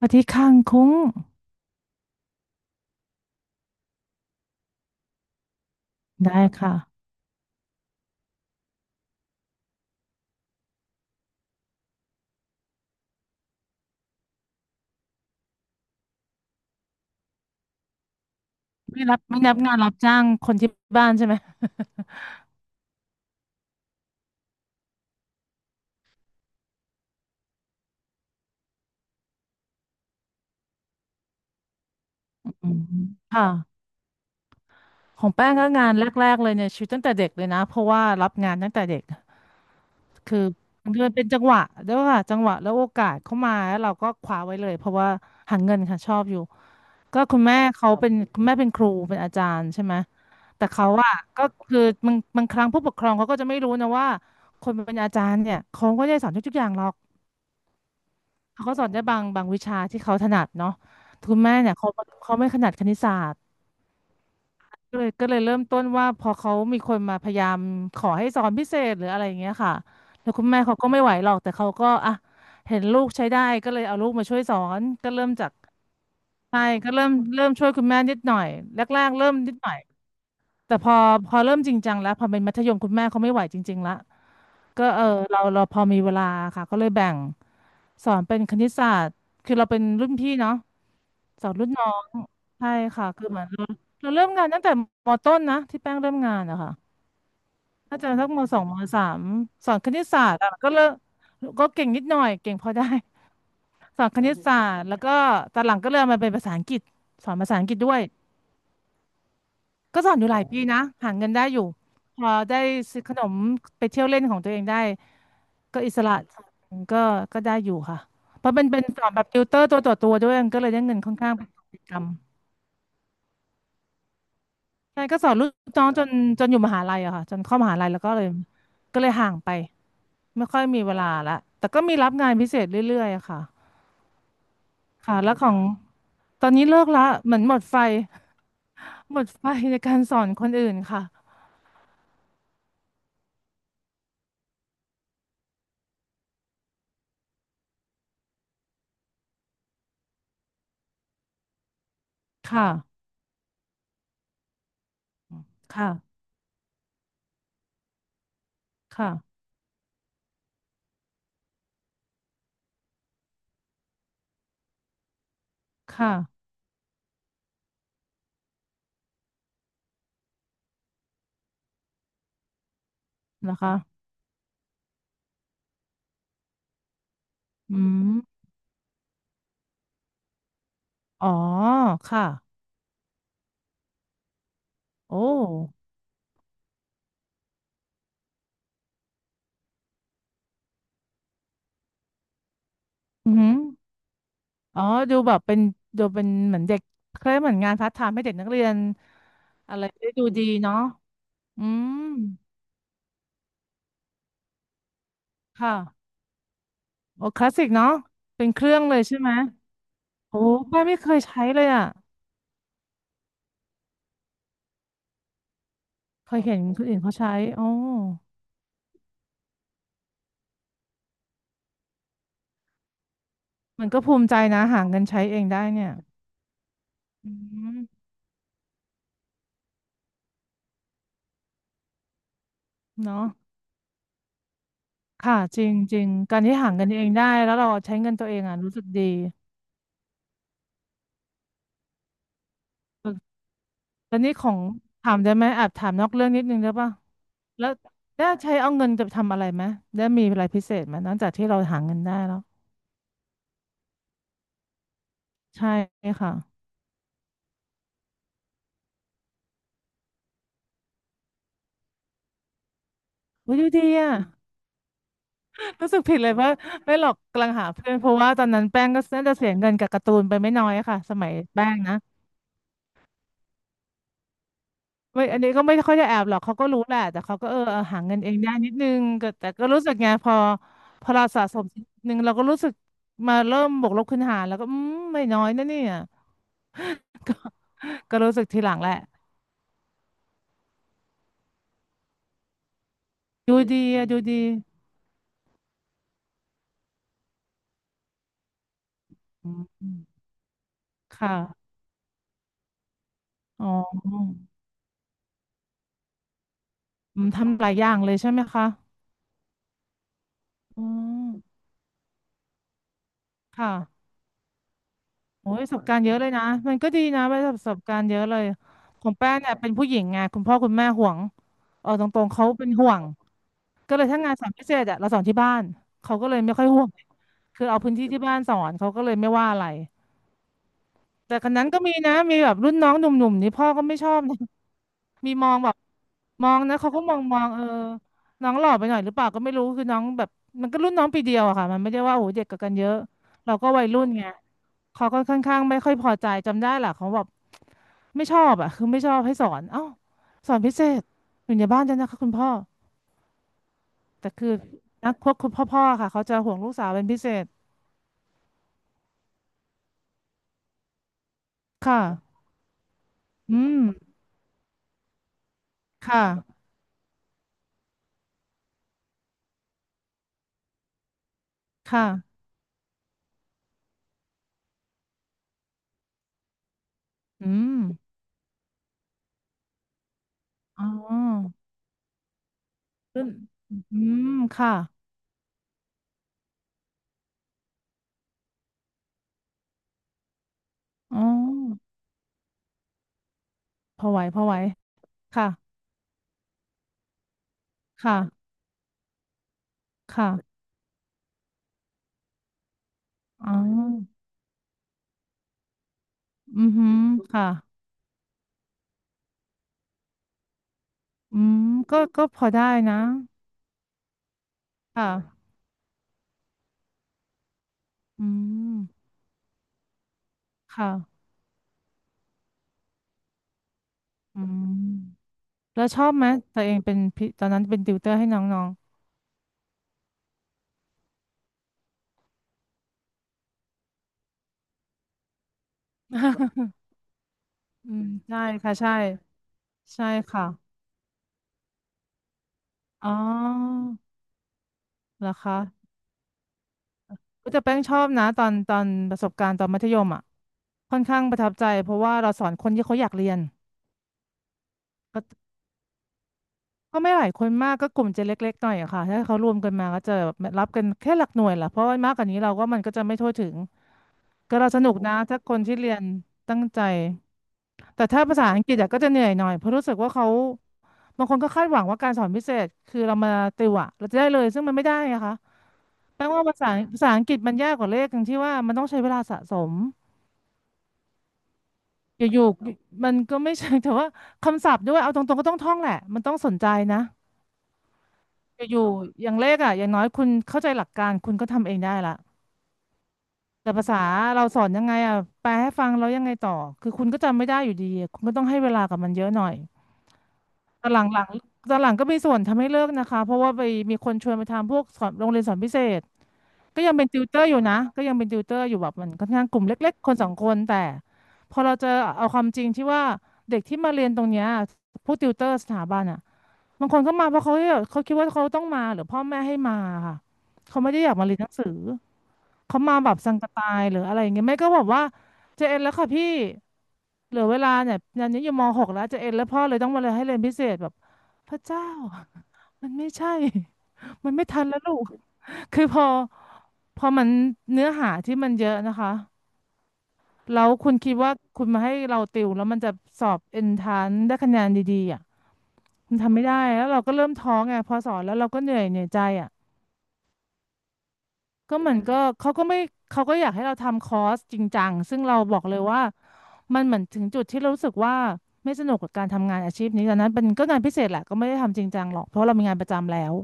ปฏิตย์ข้ังคุ้งได้ค่ะไม่รับไม่นับงานรับจ้างคนที่บ้านใช่ไหม อืมค่ะของแป้งก็งานแรกๆเลยเนี่ยชีวิตตั้งแต่เด็กเลยนะเพราะว่ารับงานตั้งแต่เด็กคือมันเป็นจังหวะด้วยค่ะจังหวะแล้วโอกาสเข้ามาแล้วเราก็คว้าไว้เลยเพราะว่าหาเงินค่ะชอบอยู่ก็คุณแม่เขาเป็นคุณแม่เป็นครูเป็นอาจารย์ใช่ไหมแต่เขาอะก็คือบางครั้งผู้ปกครองเขาก็จะไม่รู้นะว่าคนเป็นอาจารย์เนี่ยเขาก็ไม่ได้สอนทุกๆอย่างหรอก เขาก็สอนได้บางวิชาที่เขาถนัดเนาะคุณแม่เนี่ยเขาไม่ขนาดคณิตศาสตร์ก็เลยเริ่มต้นว่าพอเขามีคนมาพยายามขอให้สอนพิเศษหรืออะไรอย่างเงี้ยค่ะแล้วคุณแม่เขาก็ไม่ไหวหรอกแต่เขาก็อ่ะเห็นลูกใช้ได้ก็เลยเอาลูกมาช่วยสอนก็เริ่มจากใช่ก็เริ่มช่วยคุณแม่นิดหน่อยแรกๆเริ่มนิดหน่อย แต่พอเริ่มจริงจังแล้วพอเป็นมัธยมคุณแม่เขาไม่ไหวจริงๆละก็เออเราพอมีเวลาค่ะก็เลยแบ่งสอนเป็นคณิตศาสตร์คือเราเป็นรุ่นพี่เนาะสอนรุ่นน้องใช่ค่ะคือเหมือนเราเริ่มงานตั้งแต่มต้นนะที่แป้งเริ่มงานอะค่ะน่าจะสักมสองมสามสอนคณิตศาสตร์อะก็เลิกก็เก่งนิดหน่อยเก่งพอได้ สอนคณิตศาสตร์แล้วก็ตอนหลังก็เริ่มมาเป็นภาษาอังกฤษสอนภาษาอังกฤษด้วย ก็สอนอยู่หลายปีนะหาเงินได้อยู่พอได้ซื้อขนมไปเที่ยวเล่นของตัวเองได้ก็อิสระก็ก็ได้อยู่ค่ะเพราะมันเป็นสอนแบบติวเตอร์ตัวต่อตัวด้วยมันก็เลยได้เงินค่อนข้างเป็นกิจกรรมใช่ก็สอนลูกน้องจนอยู่มหาลัยอะค่ะจนเข้ามหาลัยแล้วก็เลยห่างไปไม่ค่อยมีเวลาละแต่ก็มีรับงานพิเศษเรื่อยๆอะค่ะค่ะแล้วของตอนนี้เลิกละเหมือนหมดไฟหมดไฟในการสอนคนอื่นค่ะค่ะค่ะค่ะค่ะนะคะ อืมอ๋อค่ะโอ้อือหืออ๋อดูแบบเป็นดูเป็นเหมือนเด็กเคล้ายเหมือนงานพาร์ทไทม์ให้เด็กนักเรียนอะไรได้ดูดีเนาะอืมค่ะโอ้คลาสสิกเนาะเป็นเครื่องเลยใช่ไหมโอ้ป้าไม่เคยใช้เลยอ่ะเคยเห็นคนอื่นเขาใช้โอ้มันก็ภูมิใจนะหาเงินใช้เองได้เนี่ยอืมเนาะค่ะจริงจริงการที่หาเงินเองได้แล้วเราใช้เงินตัวเองอ่ะรู้สึกดี แล้วนี่ของถามได้ไหมแอบถามนอกเรื่องนิดนึงได้ป่ะแล้วได้ใช้เอาเงินจะทำอะไรไหมได้มีอะไรพิเศษไหมนอกจากที่เราหาเงินได้แล้วใช่ค่ะอุ๊ยดูดีอ่ะ รู้สึกผิดเลยว่าไม่หรอกกำลังหาเพื่อนเพราะว่าตอนนั้นแป้งก็น่าจะเสียเงินกับการ์ตูนไปไม่น้อยค่ะสมัยแป้งนะไม่อันนี้ก็ไม่ค่อยจะแอบหรอกเขาก็รู้แหละแต่เขาก็เออเออหาเงินเองได้นิดนึงก็แต่ก็รู้สึกไงพอเราสะสมนิดนึงเราก็รู้สึกมาเริ่มบวกลบคูณหารแล้วก็อืมไม่น้อยนะเนี่ยก็รู้สึกทีหลังแหละ ดูดีอะดูดีอืมค่ะอ๋ออืมทำหลายอย่างเลยใช่ไหมคะอืมค่ะโอ้ยประสบการณ์เยอะเลยนะมันก็ดีนะว่าประสบการณ์เยอะเลยของแป้งเนี่ยเป็นผู้หญิงไงคุณพ่อคุณแม่ห่วงเอาตรงๆเขาเป็นห่วงก็เลยถ้างานสอนพิเศษอะเราสอนที่บ้านเขาก็เลยไม่ค่อยห่วงคือเอาพื้นที่ที่บ้านสอนเขาก็เลยไม่ว่าอะไร แต่คนนั้นก็มีนะมีแบบรุ่นน้องหนุ่มๆนี่พ่อก็ไม่ชอบนะมีมองแบบมองนะเขาก็มองเออน้องหล่อไปหน่อยหรือเปล่าก็ไม่รู้คือน้องแบบมันก็รุ่นน้องปีเดียวอะค่ะมันไม่ได้ว่าโอ้โหเด็กกับกันเยอะเราก็วัยรุ่นไงเขาก็ค่อนข้างไม่ค่อยพอใจจำได้แหละเขาแบบไม่ชอบอะคือไม่ชอบให้สอนเอ้าสอนพิเศษอยู่ในบ้านด้วยนะคะคุณพ่อแต่คือนักพวกคุณพ่อๆค่ะเขาจะห่วงลูกสาวเป็นพิเศษค่ะอืมค่ะค่ะอืมอ๋อ ขึ้นอืมค่ะอ๋อพอไหวพอไหวค่ะค่ะค่ะอ๋ออือหือค่ะอืมก็ก็พอได้นะค่ะอืมค่ะอืมแล้วชอบไหมตัวเองเป็นพิตอนนั้นเป็นติวเตอร์ให้น้องๆ อืมใช่ค่ะใช่ใช่ค่ะอ๋อเหรอคะก็จะแป้งชอบนะตอนตอนประสบการณ์ตอนมัธยมอ่ะค่อนข้างประทับใจเพราะว่าเราสอนคนที่เขาอยากเรียน ก็ไม่หลายคนมากก็กลุ่มจะเล็กๆหน่อยอะค่ะถ้าเขารวมกันมาก็จะแบบรับกันแค่หลักหน่วยแหละเพราะว่ามากกว่านี้เราก็มันก็จะไม่ทั่วถึงก็เราสนุกนะถ้าคนที่เรียนตั้งใจแต่ถ้าภาษาอังกฤษอะก็จะเหนื่อยหน่อยเพราะรู้สึกว่าเขาบางคนก็คาดหวังว่าการสอนพิเศษคือเรามาติวอะเราจะได้เลยซึ่งมันไม่ได้อะค่ะแปลว่าภาษาอังกฤษมันยากกว่าเลขตรงที่ว่ามันต้องใช้เวลาสะสมอยู่ๆมันก็ไม่ใช่ แต่ว่าคำศัพท์ด้วยเอาตรงๆก็ต้องท่องแหละมันต้องสนใจนะ อยู่ๆอย่างเลขอ่ะอย่างน้อยคุณเข้าใจหลักการคุณก็ทำเองได้ละแต่ภาษาเราสอนยังไงอ่ะแปลให้ฟังแล้วยังไงต่อคือคุณก็จำไม่ได้อยู่ดีอะคุณก็ต้องให้เวลากับมันเยอะหน่อยตอนหลังหลังตอนหลังก็มีส่วนทำให้เลิกนะคะเพราะว่าไปมีคนชวนไปทำพวกสอนโรงเรียนสอนพิเศษก็ยังเป็นติวเตอร์อยู่นะก็ยังเป็นติวเตอร์อยู่แบบมันค่อนข้างกลุ่มเล็กๆคนสองคนแต่พอเราเจอเอาความจริงที่ว่าเด็กที่มาเรียนตรงเนี้ยผู้ติวเตอร์สถาบันอ่ะ บางคนก็มาเพราะเขาแบบเขาคิดว่าเขาต้องมาหรือพ่อแม่ให้มาค่ะเขาไม่ได้อยากมาเรียนหนังสือเขามาแบบสังกะตายหรืออะไรอย่างเงี้ยแม่ก็บอกว่าเจเอ็นแล้วค่ะพี่เหลือเวลาเนี่ยตอนนี้อยู่ม .6 แล้วเจเอ็นแล้วพ่อเลยต้องมาเลยให้เรียนพิเศษแบบพระเจ้า มันไม่ใช่ มันไม่ทันแล้วลูก คือพอมันเนื้อหาที่มันเยอะนะคะแล้วคุณคิดว่าคุณมาให้เราติวแล้วมันจะสอบเอนทานได้คะแนนดีๆอ่ะ มันทำไม่ได้แล้วเราก็เริ่มท้อไงพอสอนแล้วเราก็เหนื่อยเหนื่อยใจอ่ะก็เหมือนก็เขาก็ไม่เขาก็อยากให้เราทำคอร์สจริงจังซึ่งเราบอกเลยว่ามันเหมือนถึงจุดที่เรารู้สึกว่าไม่สนุกกับการทำงานอาชีพนี้ตอนนั้นเป็นก็งานพิเศษแหละก็ไม่ได้ทำจริงจังหรอกเพราะเรามีงานประจำแล้ว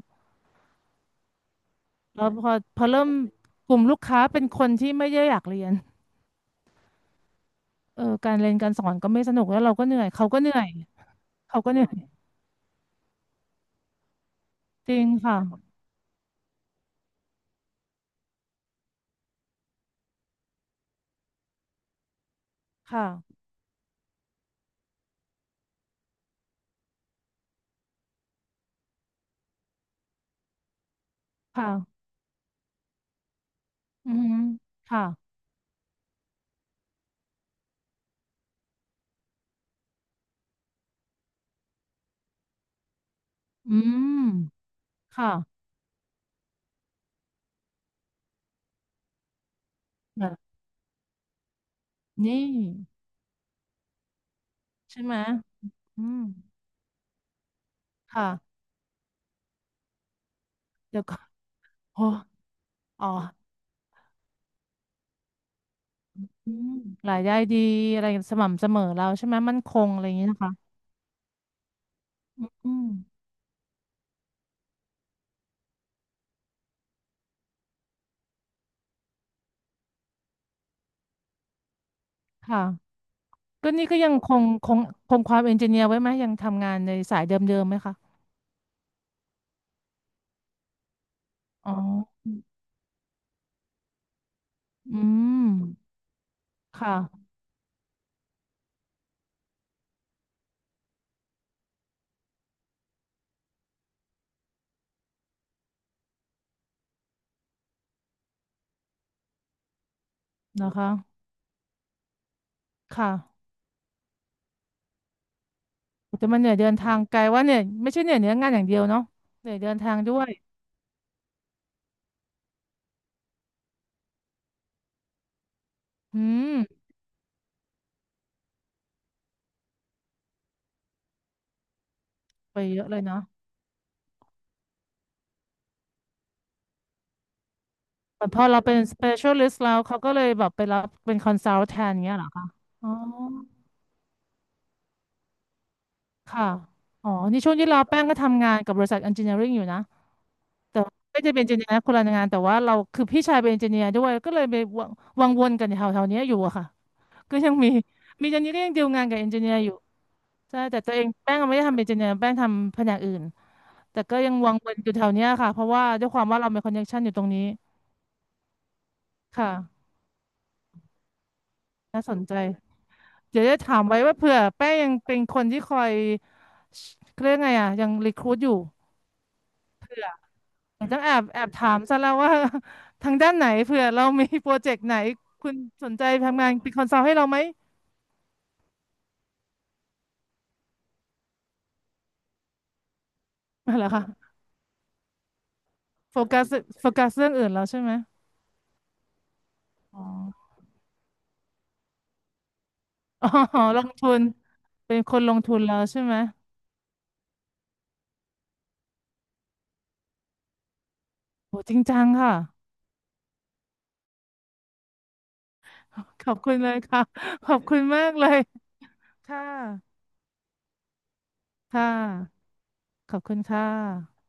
แล้วพอเริ่มกลุ่มลูกค้าเป็นคนที่ไม่ได้อยากเรียนเออการเรียนการสอนก็ไม่สนุกแล้วเราก็เหนื่อยเขาก็เหนื่อยเขาก็เหนื่อยจริงค่ะค่ะค่ะอืมค่ะอืมค่ะค่ะ นี่ใช่ไหม อืม ค่ะเดี๋ยวก็โอ้อ๋ออืมรายได้ดีอะไรสม่ำเสมอเราใช่ไหมมั่นคงอะไรอย่างนี้นะคะอืมอืมค่ะก็นี่ก็ยังคงความเอนจิเนียร์ไว้ไหมยังทำงานในสายเดิมๆไหมคะอ๋ออืมค่ะนะคะค่ะแต่มันเหนื่อยเดินทางไกลว่าเนี่ยไม่ใช่เหนื่อยเนื้องานอย่างเดียวเนาะเหนื่อยเดินทางด้วยอืมไปเยอะเลยเนาะ เหมือนพอเราเป็น specialist แล้วเขาก็เลยแบบไปรับเป็น consult แทนเงี้ยเหรอคะอ๋อค่ะอ๋อนี่ช่วงที่เราแป้งก็ทำงานกับบริษัท engineering อยู่นะแต่ว่าไม่ได้เป็น engineer คนละงานแต่ว่าเราคือพี่ชายเป็น engineer ด้วยก็เลยไปวังวนกันแถวๆเนี้ยอยู่อะค่ะก็ยังมีมีตอนนี้ก็ยังดีลงานกับ engineer อยู่ใช่แต่ตัวเองแป้งไม่ได้ทำเป็น engineer แป้งทำแผนกอื่นแต่ก็ยังวังวนอยู่แถวเนี้ยค่ะเพราะว่าด้วยความว่าเรามี connection อยู่ตรงนี้ค่ะน่าสนใจ เดี๋ยวจะถามไว้ว่าเผื่อแป้งยังเป็นคนที่คอยเรื่องไงอ่ะยังรีครูทอยู่ีต้องแอบแอบถามซะแล้วว่า ทางด้านไหนเผื่อเรามีโปรเจกต์ไหนคุณสนใจทำงานเป็นคอนซัลท์ให้เราไหมอะ่เรอคะโฟกัสโฟกัสเรื่องอื่นแล้วใช่ไหมอ๋ออ๋อ ลงทุนเป็นคนลงทุนแล้วใช่ไหมโหจริงจังค่ะขอบคุณเลยค่ะ ขอบคุณมากเลยค่ะค่ะขอบคุณค่ะ